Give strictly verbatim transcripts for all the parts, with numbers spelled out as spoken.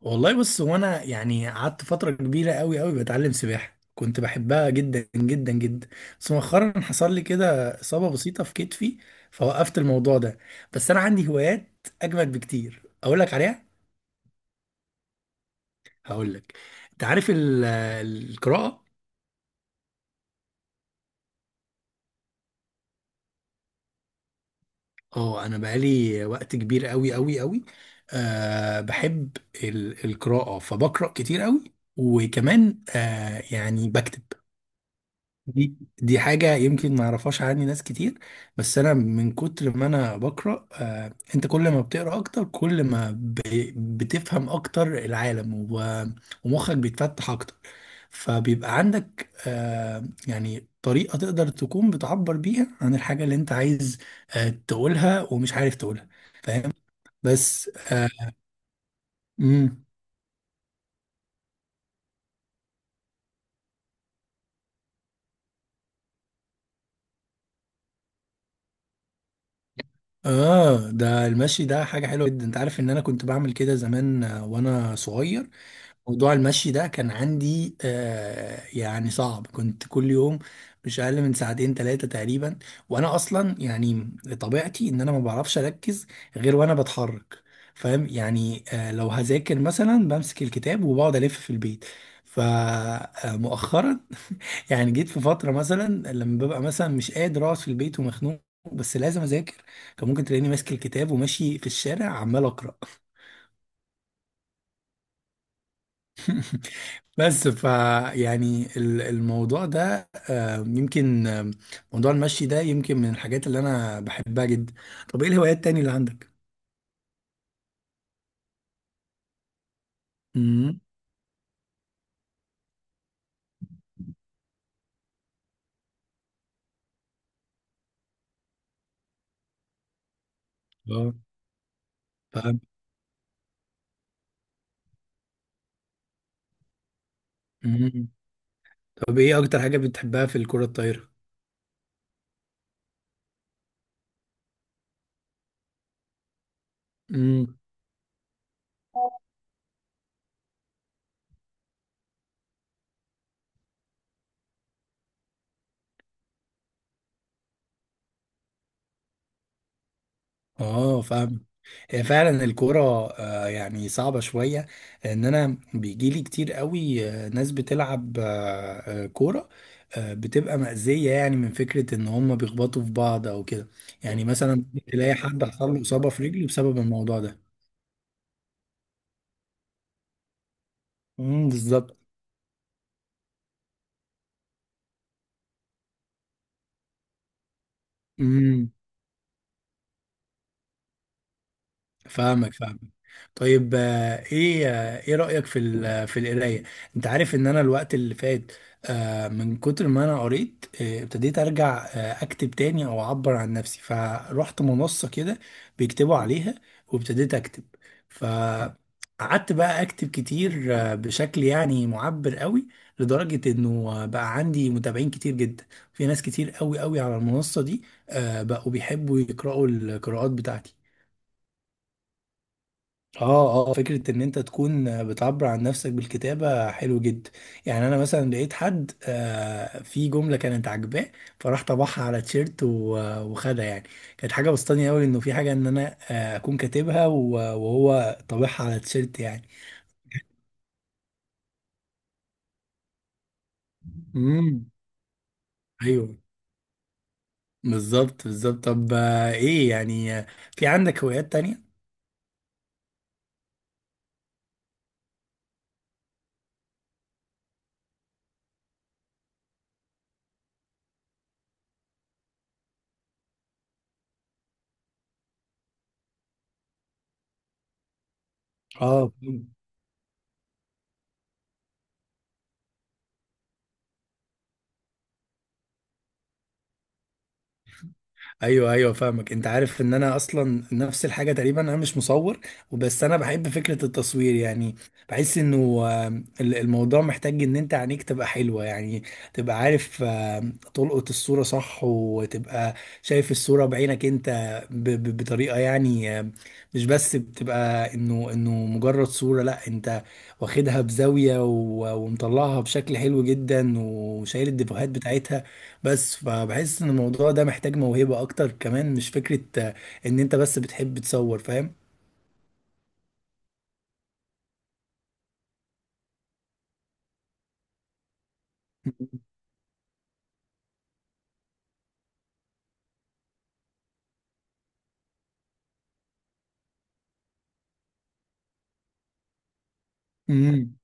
والله بص هو انا يعني قعدت فتره كبيره قوي قوي بتعلم سباحه، كنت بحبها جدا جدا جدا. بس مؤخرا حصل لي كده اصابه بسيطه في كتفي، فوقفت الموضوع ده. بس انا عندي هوايات اجمد بكتير اقول لك عليها. هقول لك، انت عارف ال- القراءه. اه انا بقالي وقت كبير قوي قوي قوي. أه بحب ال- القراءه، فبقرا كتير قوي. وكمان أه يعني بكتب. دي دي حاجة يمكن ما يعرفهاش عني ناس كتير. بس أنا من كتر ما أنا بقرأ آه، أنت كل ما بتقرأ أكتر كل ما ب- بتفهم أكتر العالم و- ومخك بيتفتح أكتر. فبيبقى عندك آه، يعني طريقة تقدر تكون بتعبر بيها عن الحاجة اللي أنت عايز آه، تقولها ومش عارف تقولها. فاهم؟ بس آه مم. آه، ده المشي ده حاجة حلوة جدا. أنت عارف إن أنا كنت بعمل كده زمان آه، وأنا صغير. موضوع المشي ده كان عندي آه يعني صعب، كنت كل يوم مش اقل من ساعتين ثلاثة تقريبا. وانا اصلا يعني طبيعتي ان انا ما بعرفش اركز غير وانا بتحرك. فاهم؟ يعني آه لو هذاكر مثلا بمسك الكتاب وبقعد الف في البيت. فمؤخرا يعني جيت في فتره مثلا لما ببقى مثلا مش قادر اقعد في البيت ومخنوق، بس لازم اذاكر. فممكن تلاقيني ماسك الكتاب وماشي في الشارع عمال اقرا. بس ف يعني ال- الموضوع ده آه، يمكن آه، موضوع المشي ده يمكن من الحاجات اللي انا بحبها جدا. طب ايه الهوايات التانية اللي عندك؟ امم. اه، فاهم. مم. طب ايه اكتر حاجة بتحبها في الكرة الطايرة؟ اه، فاهم. هي فعلا الكورة آه، يعني صعبة شوية. ان انا بيجيلي كتير قوي آه، ناس بتلعب آه، آه، كورة آه، بتبقى مأذية، يعني من فكرة ان هم بيخبطوا في بعض او كده. يعني مثلا تلاقي حد حصل له إصابة في رجله بسبب الموضوع ده. امم، بالظبط. فاهمك فاهمك. طيب آه، ايه آه، ايه رأيك في ال- في القراية؟ انت عارف ان انا الوقت اللي فات آه، من كتر ما انا قريت آه، ابتديت ارجع آه، اكتب تاني او اعبر عن نفسي، فروحت منصة كده بيكتبوا عليها وابتديت اكتب. فقعدت بقى اكتب كتير آه، بشكل يعني معبر قوي، لدرجة انه آه، بقى عندي متابعين كتير جدا. في ناس كتير قوي قوي على المنصة دي آه، بقوا بيحبوا يقرأوا القراءات بتاعتي. اه اه، فكرة ان انت تكون بتعبر عن نفسك بالكتابة حلو جدا. يعني انا مثلا لقيت حد آه في جملة كانت عاجباه، فراح طبعها على تيشيرت و- وخدها يعني. كانت حاجة بسطاني قوي انه في حاجة ان انا آه اكون كاتبها و- وهو طابعها على تيشيرت يعني. امم، ايوه. بالظبط بالظبط. طب آه ايه يعني آه، في عندك هوايات تانية؟ اه، ايوه ايوه فاهمك. انت عارف ان انا اصلا نفس الحاجه تقريبا. انا مش مصور، وبس انا بحب فكره التصوير يعني. بحس انه آه، ال- الموضوع محتاج ان انت عينيك تبقى حلوه يعني، تبقى عارف آه، تلقط الصوره صح، وتبقى شايف الصوره بعينك انت ب- ب- بطريقه يعني آه، مش بس بتبقى انه انه مجرد صوره. لا انت واخدها بزاويه و- ومطلعها بشكل حلو جدا وشايل الديفوهات بتاعتها. بس فبحس ان الموضوع ده محتاج موهبة اكتر كمان، مش فكرة آه، ان انت بس بتحب تصور. فاهم؟ امم.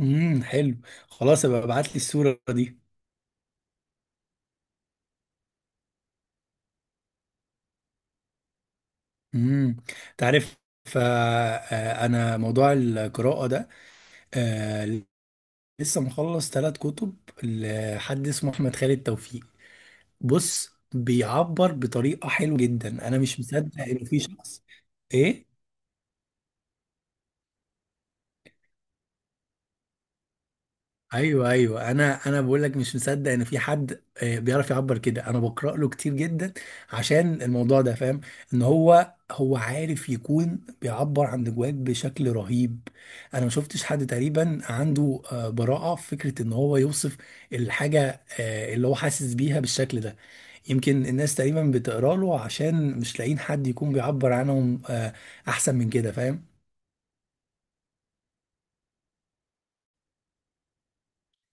امم، حلو. خلاص، ابقى ابعت لي الصورة دي. امم. تعرف، فانا موضوع القراءة ده آه، لسه مخلص ثلاث كتب لحد اسمه احمد خالد توفيق. بص بيعبر بطريقة حلوة جدا، انا مش مصدق ان في شخص. ايه؟ ايوه ايوه، انا انا بقول لك مش مصدق ان في حد آه، بيعرف يعبر كده. انا بقرا له كتير جدا عشان الموضوع ده فاهم. ان هو هو عارف يكون بيعبر عن جواك بشكل رهيب. انا ما شفتش حد تقريبا عنده آه، براءة في فكرة ان هو يوصف الحاجة آه، اللي هو حاسس بيها بالشكل ده. يمكن الناس تقريبا بتقرا له عشان مش لاقيين حد يكون بيعبر عنهم آه، احسن من كده. فاهم؟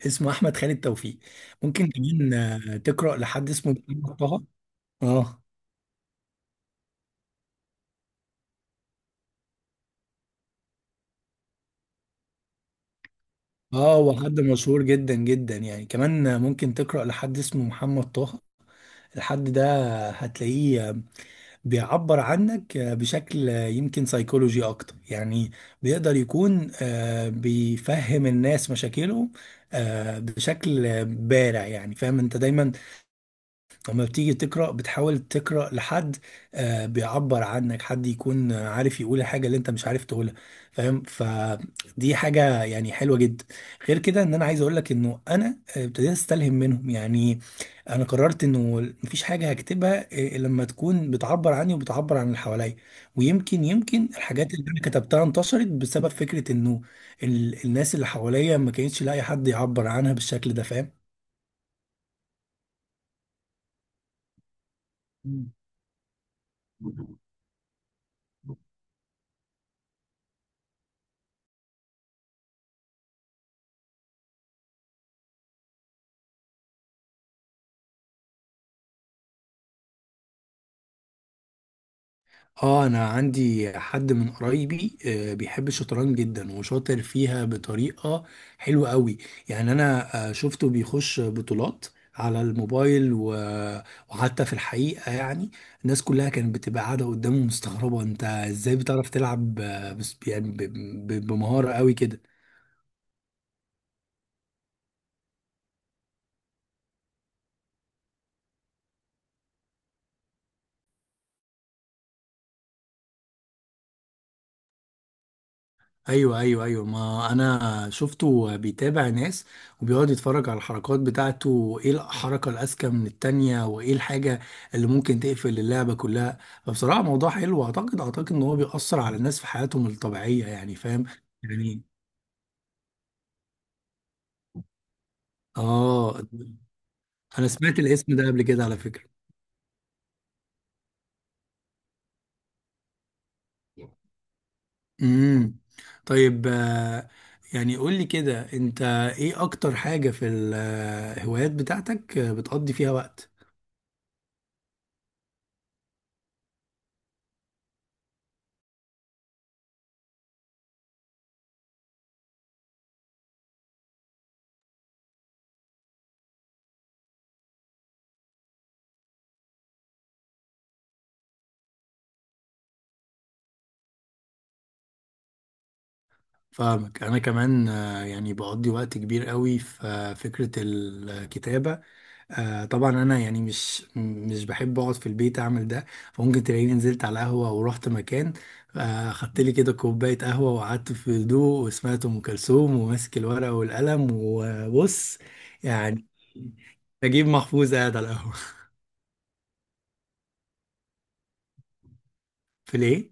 اسمه احمد خالد توفيق. ممكن كمان آه، تقرا لحد اسمه محمد طه. اه اه، هو حد مشهور جدا جدا. يعني كمان ممكن تقرأ لحد اسمه محمد طه. الحد ده هتلاقيه بيعبر عنك بشكل يمكن سيكولوجي اكتر يعني. بيقدر يكون آه، بيفهم الناس مشاكلهم آه، بشكل بارع يعني. فاهم؟ انت دايما لما بتيجي تقرأ بتحاول تقرأ لحد آه، بيعبر عنك، حد يكون آه، عارف يقول الحاجة اللي انت مش عارف تقولها. فاهم؟ فدي حاجة يعني حلوة جدا. غير كده ان انا عايز اقول لك انه انا آه، ابتديت استلهم منهم يعني. انا قررت انه مفيش حاجة هكتبها آه، لما تكون بتعبر عني وبتعبر عن اللي حواليا. ويمكن يمكن الحاجات اللي انا كتبتها انتشرت بسبب فكرة انه ال- الناس اللي حواليا ما كانتش لاقي حد يعبر عنها بالشكل ده. فاهم؟ اه، انا عندي حد من قرايبي آه، بيحب الشطرنج جدا وشاطر فيها بطريقة حلوة قوي. يعني انا آه، شفته بيخش بطولات على الموبايل و... وحتى في الحقيقة يعني الناس كلها كانت بتبقى قاعدة قدامه مستغربة انت ازاي بتعرف تلعب آه، بس يعني ب... ب... بمهارة قوي كده. ايوه ايوه ايوه، ما انا شفته بيتابع ناس وبيقعد يتفرج على الحركات بتاعته، وايه الحركه الاذكى من التانية وايه الحاجه اللي ممكن تقفل اللعبه كلها. فبصراحه موضوع حلو، واعتقد اعتقد ان هو بيأثر على الناس في حياتهم الطبيعيه يعني. فاهم؟ يعني اه، انا سمعت الاسم ده قبل كده على فكره. امم. طيب آه، يعني قول لي كده انت، ايه اكتر حاجه في الهوايات بتاعتك آه، بتقضي فيها وقت؟ فاهمك. انا كمان آه، يعني بقضي وقت كبير قوي في آه، فكرة الكتابة. آه، طبعا انا يعني مش مش بحب اقعد في البيت اعمل ده، فممكن تلاقيني نزلت على قهوة ورحت مكان آه، خدت لي كده كوباية قهوة وقعدت في هدوء، وسمعت ام كلثوم وماسك الورقة والقلم. وبص يعني، نجيب محفوظ قاعد على القهوة. في ليه؟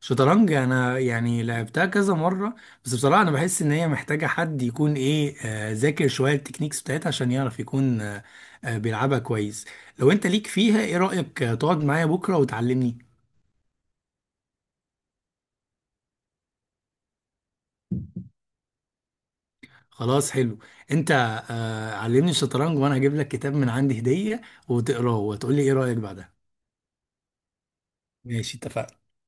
شطرنج، انا يعني لعبتها كذا مره. بس بصراحه انا بحس ان هي محتاجه حد يكون ايه آه، ذاكر شويه التكنيكس بتاعتها عشان يعرف يكون آه، آه، بيلعبها كويس. لو انت ليك فيها، ايه رايك آه، تقعد معايا بكره وتعلمني؟ خلاص، حلو. انت آه، علمني الشطرنج، وانا هجيب لك كتاب من عندي هديه وتقراه وتقول لي ايه رايك بعدها. ماشي، اتفقنا.